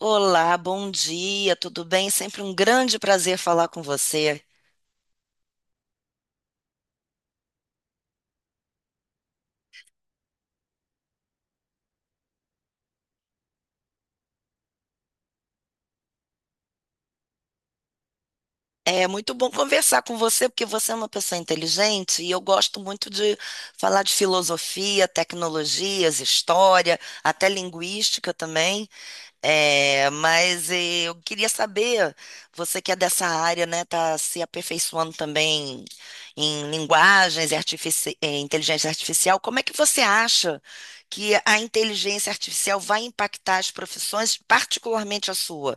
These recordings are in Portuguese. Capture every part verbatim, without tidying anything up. Olá, bom dia, tudo bem? Sempre um grande prazer falar com você. É muito bom conversar com você, porque você é uma pessoa inteligente e eu gosto muito de falar de filosofia, tecnologias, história, até linguística também. É, mas eh, eu queria saber, você que é dessa área, né, tá se aperfeiçoando também em linguagens e artifici- eh, inteligência artificial, como é que você acha que a inteligência artificial vai impactar as profissões, particularmente a sua?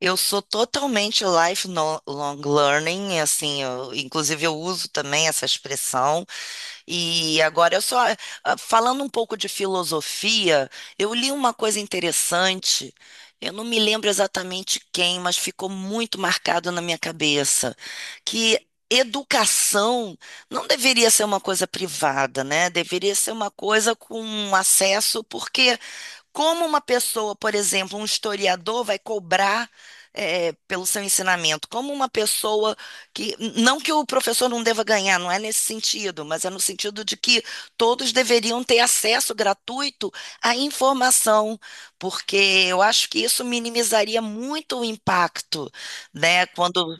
Eu sou totalmente lifelong learning, assim, eu- inclusive eu uso também essa expressão. E agora eu só ah, falando um pouco de filosofia, eu li uma coisa interessante. Eu não me lembro exatamente quem, mas ficou muito marcado na minha cabeça que educação não deveria ser uma coisa privada, né? Deveria ser uma coisa com acesso, porque como uma pessoa, por exemplo, um historiador vai cobrar eh, pelo seu ensinamento? Como uma pessoa que. Não que o professor não deva ganhar, não é nesse sentido, mas é no sentido de que todos deveriam ter acesso gratuito à informação, porque eu acho que isso minimizaria muito o impacto, né? Quando.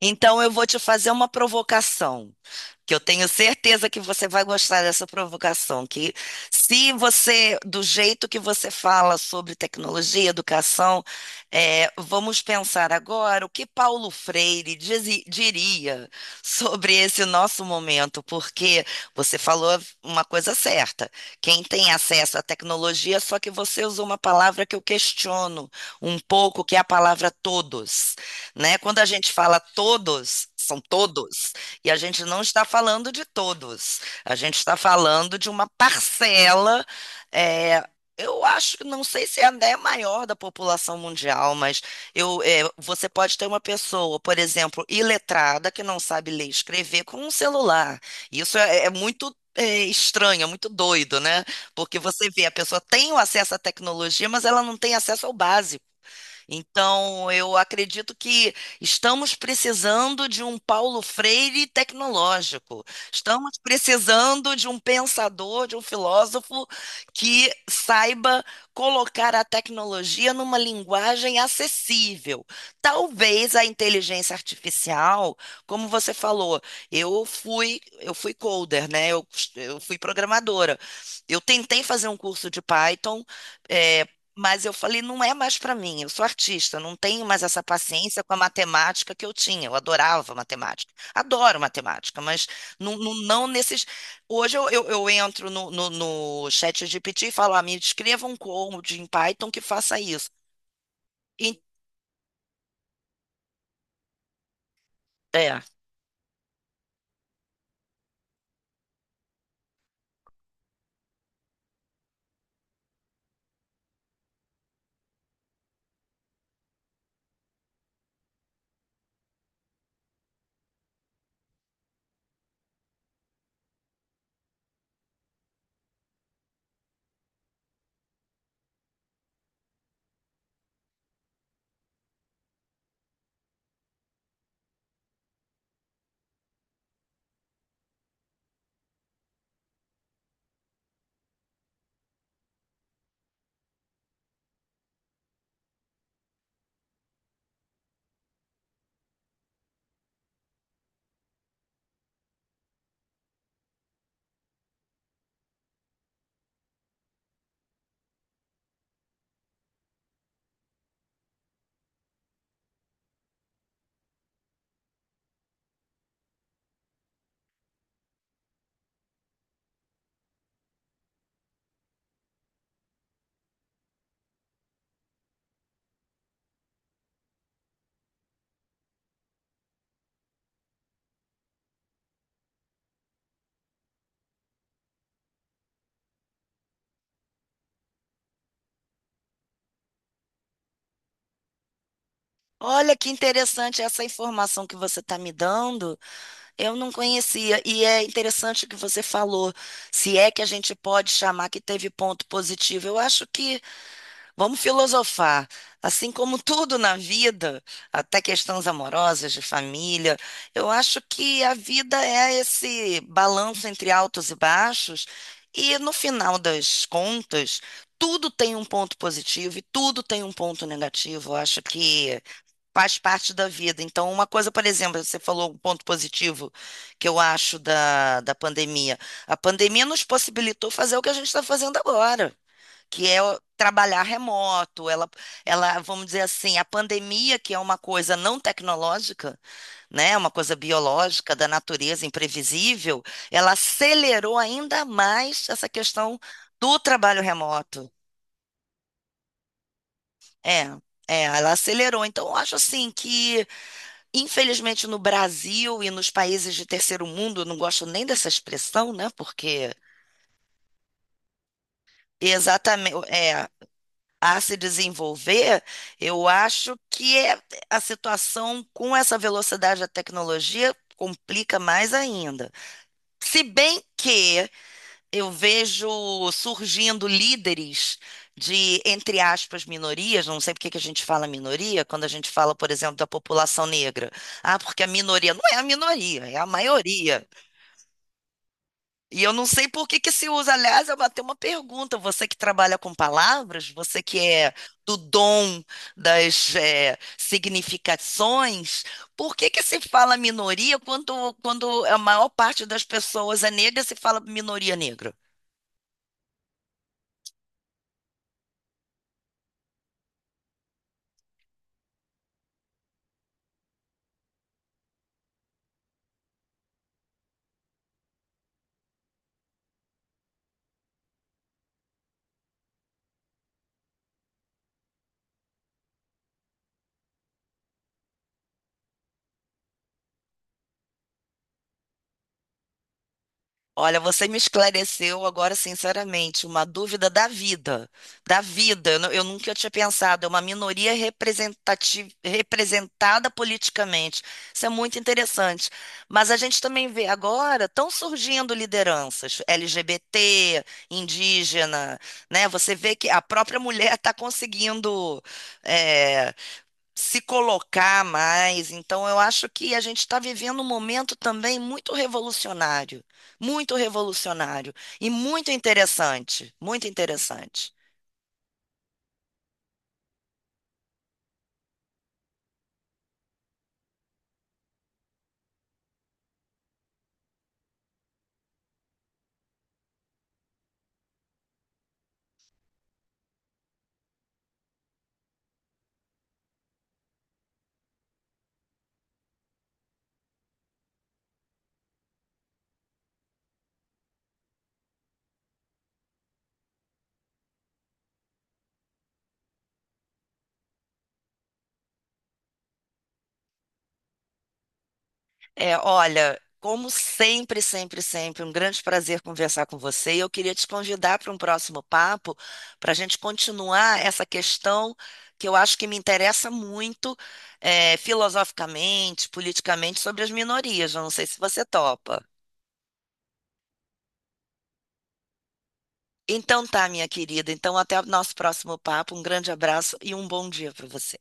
Então eu vou te fazer uma provocação, que eu tenho certeza que você vai gostar dessa provocação, que se você, do jeito que você fala sobre tecnologia, educação, é, vamos pensar agora o que Paulo Freire dizi- diria sobre esse nosso momento, porque você falou uma coisa certa, quem tem acesso à tecnologia, só que você usou uma palavra que eu questiono um pouco, que é a palavra todos, né? Quando a gente fala todos, são todos, e a gente não está falando de todos, a gente está falando de uma parcela, é, eu acho que não sei se é até maior da população mundial, mas eu, é, você pode ter uma pessoa, por exemplo, iletrada que não sabe ler e escrever com um celular. Isso é, é muito, é estranho, é muito doido, né? Porque você vê, a pessoa tem o acesso à tecnologia, mas ela não tem acesso ao básico. Então, eu acredito que estamos precisando de um Paulo Freire tecnológico. Estamos precisando de um pensador, de um filósofo que saiba colocar a tecnologia numa linguagem acessível. Talvez a inteligência artificial, como você falou, eu fui, eu fui coder, né? Eu, eu fui programadora. Eu tentei fazer um curso de Python, eh, mas eu falei, não é mais para mim, eu sou artista, não tenho mais essa paciência com a matemática que eu tinha. Eu adorava matemática, adoro matemática, mas não, não, não nesses. Hoje eu, eu, eu entro no, no, no chat G P T e falo, ah, me escreva um code em Python que faça isso. E- É. Olha que interessante essa informação que você está me dando, eu não conhecia. E é interessante o que você falou, se é que a gente pode chamar que teve ponto positivo. Eu acho que. Vamos filosofar. Assim como tudo na vida, até questões amorosas, de família, eu acho que a vida é esse balanço entre altos e baixos, e no final das contas, tudo tem um ponto positivo e tudo tem um ponto negativo. Eu acho que faz parte da vida. Então, uma coisa, por exemplo, você falou um ponto positivo que eu acho da, da pandemia. A pandemia nos possibilitou fazer o que a gente está fazendo agora, que é o- trabalhar remoto, ela, ela, vamos dizer assim, a pandemia, que é uma coisa não tecnológica, né, é uma coisa biológica da natureza imprevisível, ela acelerou ainda mais essa questão do trabalho remoto. É, é, ela acelerou. Então, eu acho assim que, infelizmente, no Brasil e nos países de terceiro mundo, eu não gosto nem dessa expressão, né, porque. Exatamente, a se desenvolver, eu acho que é- a situação com essa velocidade da tecnologia complica mais ainda. Se bem que eu vejo surgindo líderes de, entre aspas, minorias, não sei por que que a gente fala minoria, quando a gente fala, por exemplo, da população negra. Ah, porque a minoria não é a minoria, é a maioria. E eu não sei por que que se usa. Aliás, eu bati uma pergunta. Você que trabalha com palavras, você que é do dom das eh, significações, por que que se fala minoria quando, quando a maior parte das pessoas é negra, se fala minoria negra? Olha, você me esclareceu agora, sinceramente, uma dúvida da vida. Da vida, eu, nu- eu nunca tinha pensado. É uma minoria representati- representada politicamente. Isso é muito interessante. Mas a gente também vê agora, estão surgindo lideranças L G B T, indígena, né? Você vê que a própria mulher está conseguindo eh, se colocar mais. Então, eu acho que a gente está vivendo um momento também muito revolucionário, muito revolucionário e muito interessante, muito interessante. É, olha, como sempre, sempre, sempre, um grande prazer conversar com você. E eu queria te convidar para um próximo papo, para a gente continuar essa questão que eu acho que me interessa muito, é, filosoficamente, politicamente, sobre as minorias. Eu não sei se você topa. Então tá, minha querida. Então até o nosso próximo papo. Um grande abraço e um bom dia para você.